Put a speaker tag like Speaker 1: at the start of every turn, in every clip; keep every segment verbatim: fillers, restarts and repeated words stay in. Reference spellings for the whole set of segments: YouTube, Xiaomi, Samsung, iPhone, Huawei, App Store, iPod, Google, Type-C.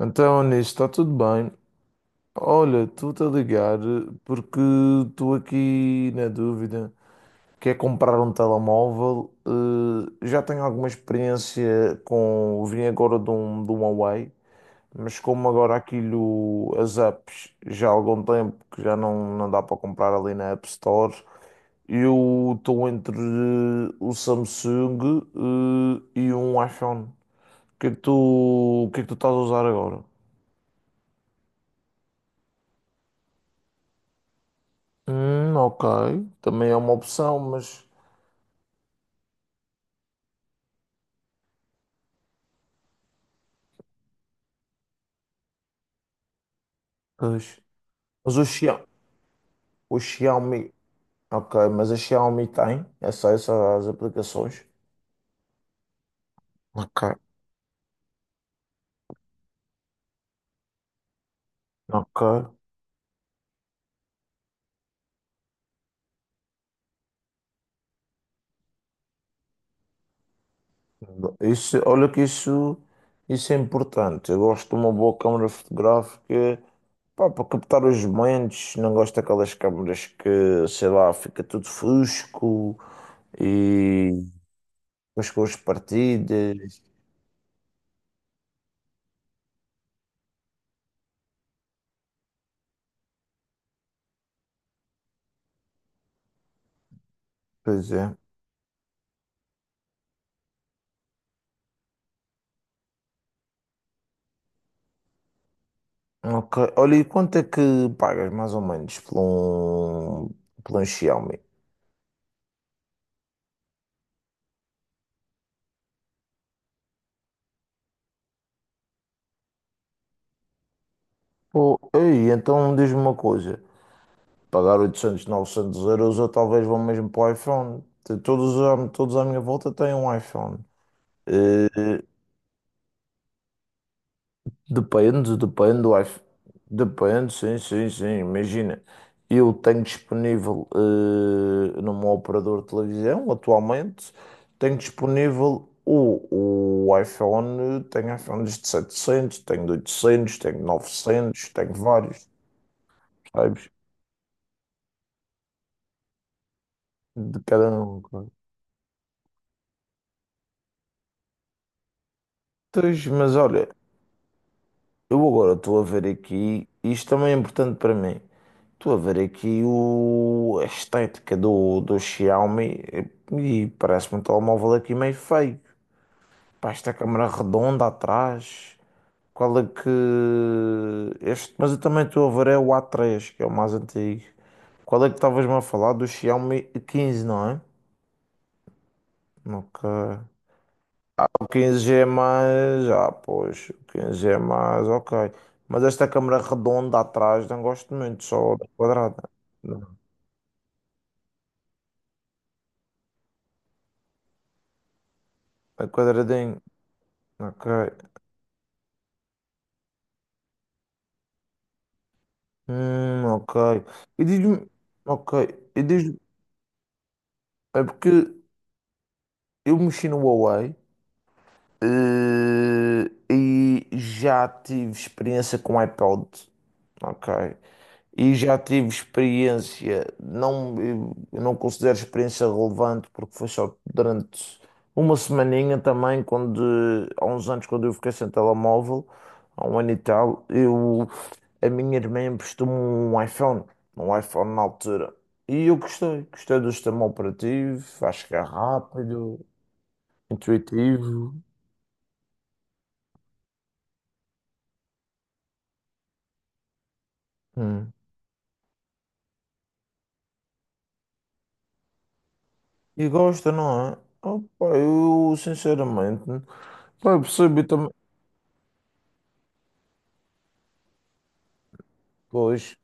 Speaker 1: Então, nisso está tudo bem. Olha, estou-te a ligar porque estou aqui na dúvida. Quer comprar um telemóvel? Eh, já tenho alguma experiência com. Vim agora de um, de um Huawei, mas como agora aquilo, as apps, já há algum tempo que já não, não dá para comprar ali na App Store, eu estou entre eh, o Samsung, eh, e um iPhone. O que é que tu, o que é que tu estás a usar agora? Hum, ok. Também é uma opção, mas. Pois. Mas o Xiaomi. O Xiaomi. Ok, mas a Xiaomi tem essa, essas aplicações. Ok. Ok. Isso, olha que isso, isso é importante. Eu gosto de uma boa câmara fotográfica. Pá, para captar os momentos, não gosto daquelas câmaras que, sei lá, fica tudo fusco e as cores partidas. Pois é. Ok. Olha, e quanto é que pagas mais ou menos por um, por um Xiaomi? Pô, ei, então diz-me uma coisa: pagar oitocentos, novecentos euros eu talvez vou mesmo para o iPhone. T- Todos, à- todos à minha volta têm um iPhone. Eh, Depende, depende do iPhone. Depende, sim, sim, sim. Imagina, eu tenho disponível eh, no meu operador de televisão, atualmente, tenho disponível o, o iPhone, tenho iPhones de setecentos, tenho de oitocentos, tenho de novecentos, tenho vários, sabes? De cada um. Claro. Pois, mas olha, eu agora estou a ver aqui, isto também é importante para mim. Estou a ver aqui o, a estética do, do Xiaomi e parece-me um telemóvel aqui meio feio. Pá, esta câmara redonda atrás. Qual é que. Este, mas eu também estou a ver é o A três, que é o mais antigo. Qual é que estavas-me a falar do Xiaomi quinze, não é? Ok. O quinze G é mais. Ah, pois. O quinze G é mais, ok. Mas esta câmara redonda atrás não gosto muito, só da quadrada. Não. A quadradinho. Ok. Hum, ok. E diz-me. Ok. E diz É porque eu mexi no Huawei eh, e já tive experiência com iPod. Ok. E já tive experiência, não, eu não considero experiência relevante porque foi só durante uma semaninha também, quando, há uns anos quando eu fiquei sem telemóvel, há um ano e tal, eu, a minha irmã emprestou-me um iPhone, um iPhone na altura, e eu gostei, gostei do sistema operativo, acho que é rápido, intuitivo, hum. E gosta, não é? Opa, eu sinceramente, pá, eu percebi também. Pois,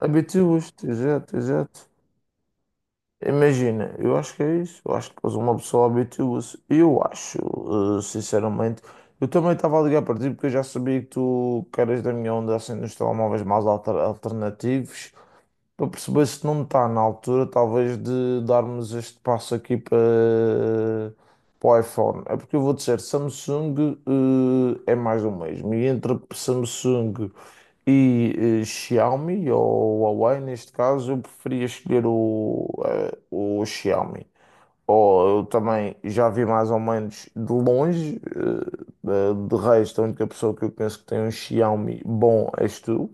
Speaker 1: habitua-se, exato, exato. Imagina, eu acho que é isso. Eu acho que depois uma pessoa habitua-se. Eu acho, eh, sinceramente, eu também estava a ligar para ti porque eu já sabia que tu que eras da minha onda assim dos telemóveis mais alter- alternativos para perceber se não está na altura, talvez, de darmos este passo aqui para, para o iPhone. É porque eu vou dizer, Samsung, eh, é mais do mesmo. E entre Samsung e eh, Xiaomi, ou Huawei, neste caso, eu preferia escolher o, eh, o Xiaomi. Ou eu também já vi mais ou menos de longe, eh, eh, de resto, a única pessoa que eu penso que tem um Xiaomi bom és tu.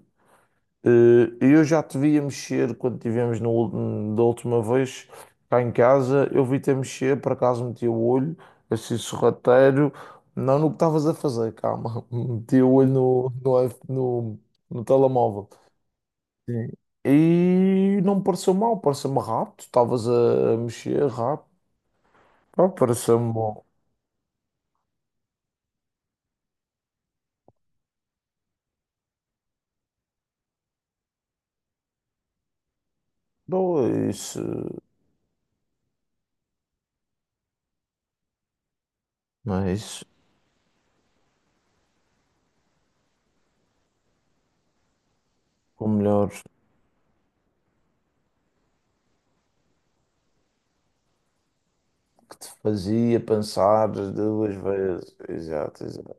Speaker 1: Eh, Eu já te via mexer quando tivemos no, ul- da última vez cá em casa. Eu vi-te a mexer, por acaso meti o olho, assim sorrateiro. Não no que estavas a fazer, calma. Meti o olho no, no, iPh- no, no telemóvel. Sim. E não me pareceu mal, pareceu-me rápido. Estavas a a mexer rápido. Pá, pareceu-me bom. Não é isso. Não é isso. O melhor que te fazia pensar duas vezes. Exato, exato.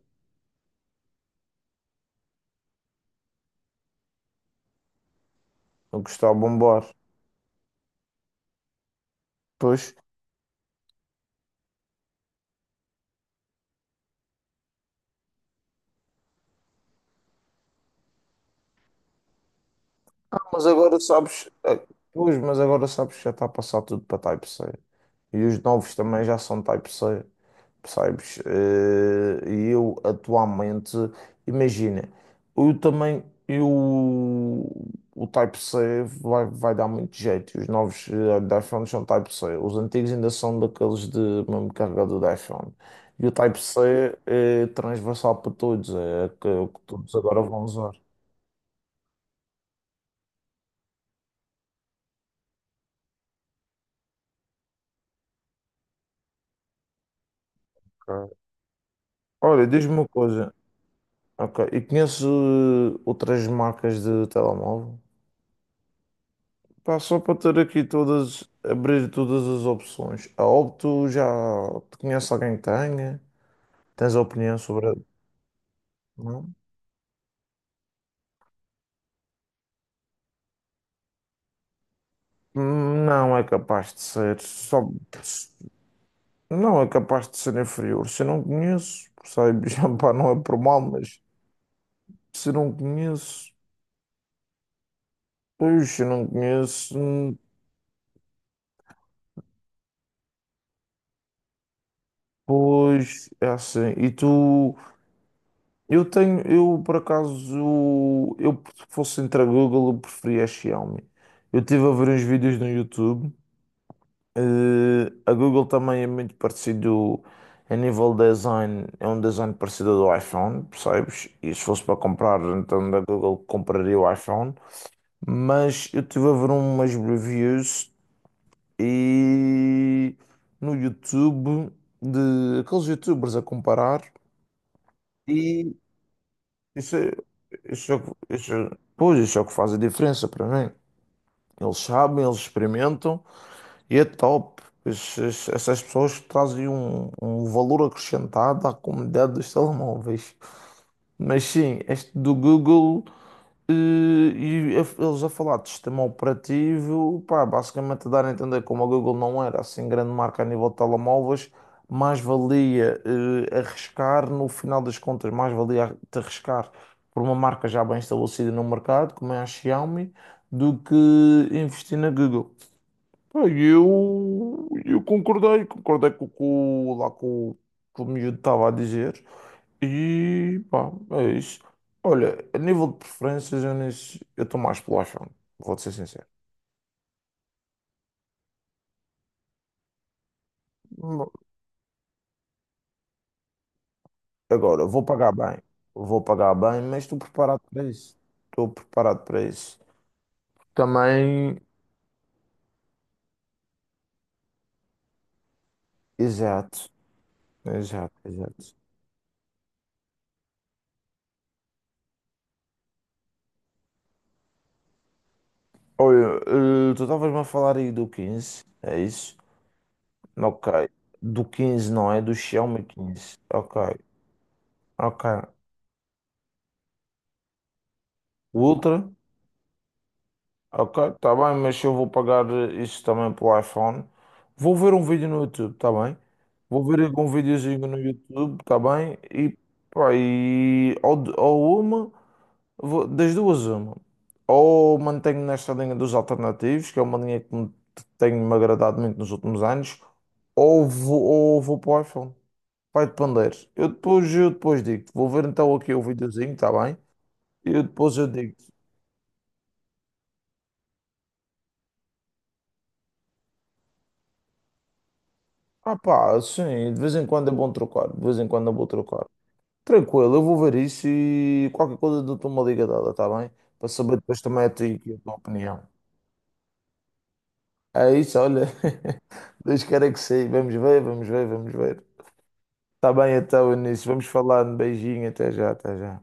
Speaker 1: Não gostava de bombar. Pois, mas agora sabes, eh, pois, mas agora sabes que já está a passar tudo para Type-C. E os novos também já são Type-C, percebes? Eh, E eu atualmente, imagina, eu também, eu, o Type-C vai, vai dar muito jeito. Os novos eh, da iPhone são Type-C. Os antigos ainda são daqueles de mesmo carregador da iPhone. E o Type-C é transversal para todos, é que, que todos agora vão usar. Ok. Olha, diz-me uma coisa. Ok. E conheço eh, outras marcas de telemóvel? Pá, só para ter aqui todas, abrir todas as opções. A Opto já te conhece alguém que tenha? Tens opinião sobre. a- Não? Hum, Não é capaz de ser. Só. Não é capaz de ser inferior. Se eu não conheço, percebes? Pá, não é por mal, mas se não conheço, pois se não conheço, hum, pois é assim. E tu. Eu tenho, eu por acaso, eu se fosse entre a Google, eu preferia a Xiaomi. Eu estive a ver uns vídeos no YouTube. eh, a Google também é muito parecido a nível design, é um design parecido ao do iPhone, percebes? E se fosse para comprar, então da Google compraria o iPhone. Mas eu estive a ver umas reviews e no YouTube de aqueles YouTubers a comparar. E Isso é, isso é, o que- isso é- pois, isso é o que faz a diferença para mim. Eles sabem, eles experimentam e é top. Esses- essas pessoas trazem um, um valor acrescentado à comunidade dos telemóveis. Mas sim, este do Google. Eh, E a- eles a falar de sistema operativo, pá, basicamente a dar a entender como a Google não era assim grande marca a nível de telemóveis, mais valia eh, arriscar, no final das contas, mais valia ar- te arriscar por uma marca já bem estabelecida no mercado, como é a Xiaomi, do que investir na Google. Pá, e eu, eu concordei, concordei com, o que o- lá com, o que o miúdo estava a dizer. E pá, é isso. Olha, a nível de preferências, eu nem se- eu estou mais pelo iPhone, vou-te ser sincero. Mo- Agora, vou pagar bem, vou pagar bem, mas estou preparado para isso. Estou preparado para isso. Também, exato, exato, exato. Olha, eh, tu estavas-me a falar aí do quinze, é isso? Ok, do quinze não é, do Xiaomi quinze. Ok, ok. O Ultra? Ok, tá bem, mas eu vou pagar eh, isso também pelo iPhone. Vou ver um vídeo no YouTube, tá bem? Vou ver algum videozinho no YouTube, tá bem? E, pá, e ou, de- ou uma, vou- das duas uma. Ou mantenho nesta linha dos alternativos, que é uma linha que me, tenho me agradado muito nos últimos anos, ou vou, ou vou para o iPhone. Vai depender. Eu depois, eu depois digo-te. Vou ver então aqui o videozinho, tá bem? E eu depois eu digo. Ah pá, sim, de vez em quando é bom trocar, de vez em quando é bom trocar. Tranquilo, eu vou ver isso e qualquer coisa dou-te uma liga dela, está bem? Para saber depois também a ti e a tua opinião. É isso, olha, Deus queira que sim. Vamos ver, vamos ver, vamos ver. Está bem então, Início, vamos falando. Beijinho, até já, até já.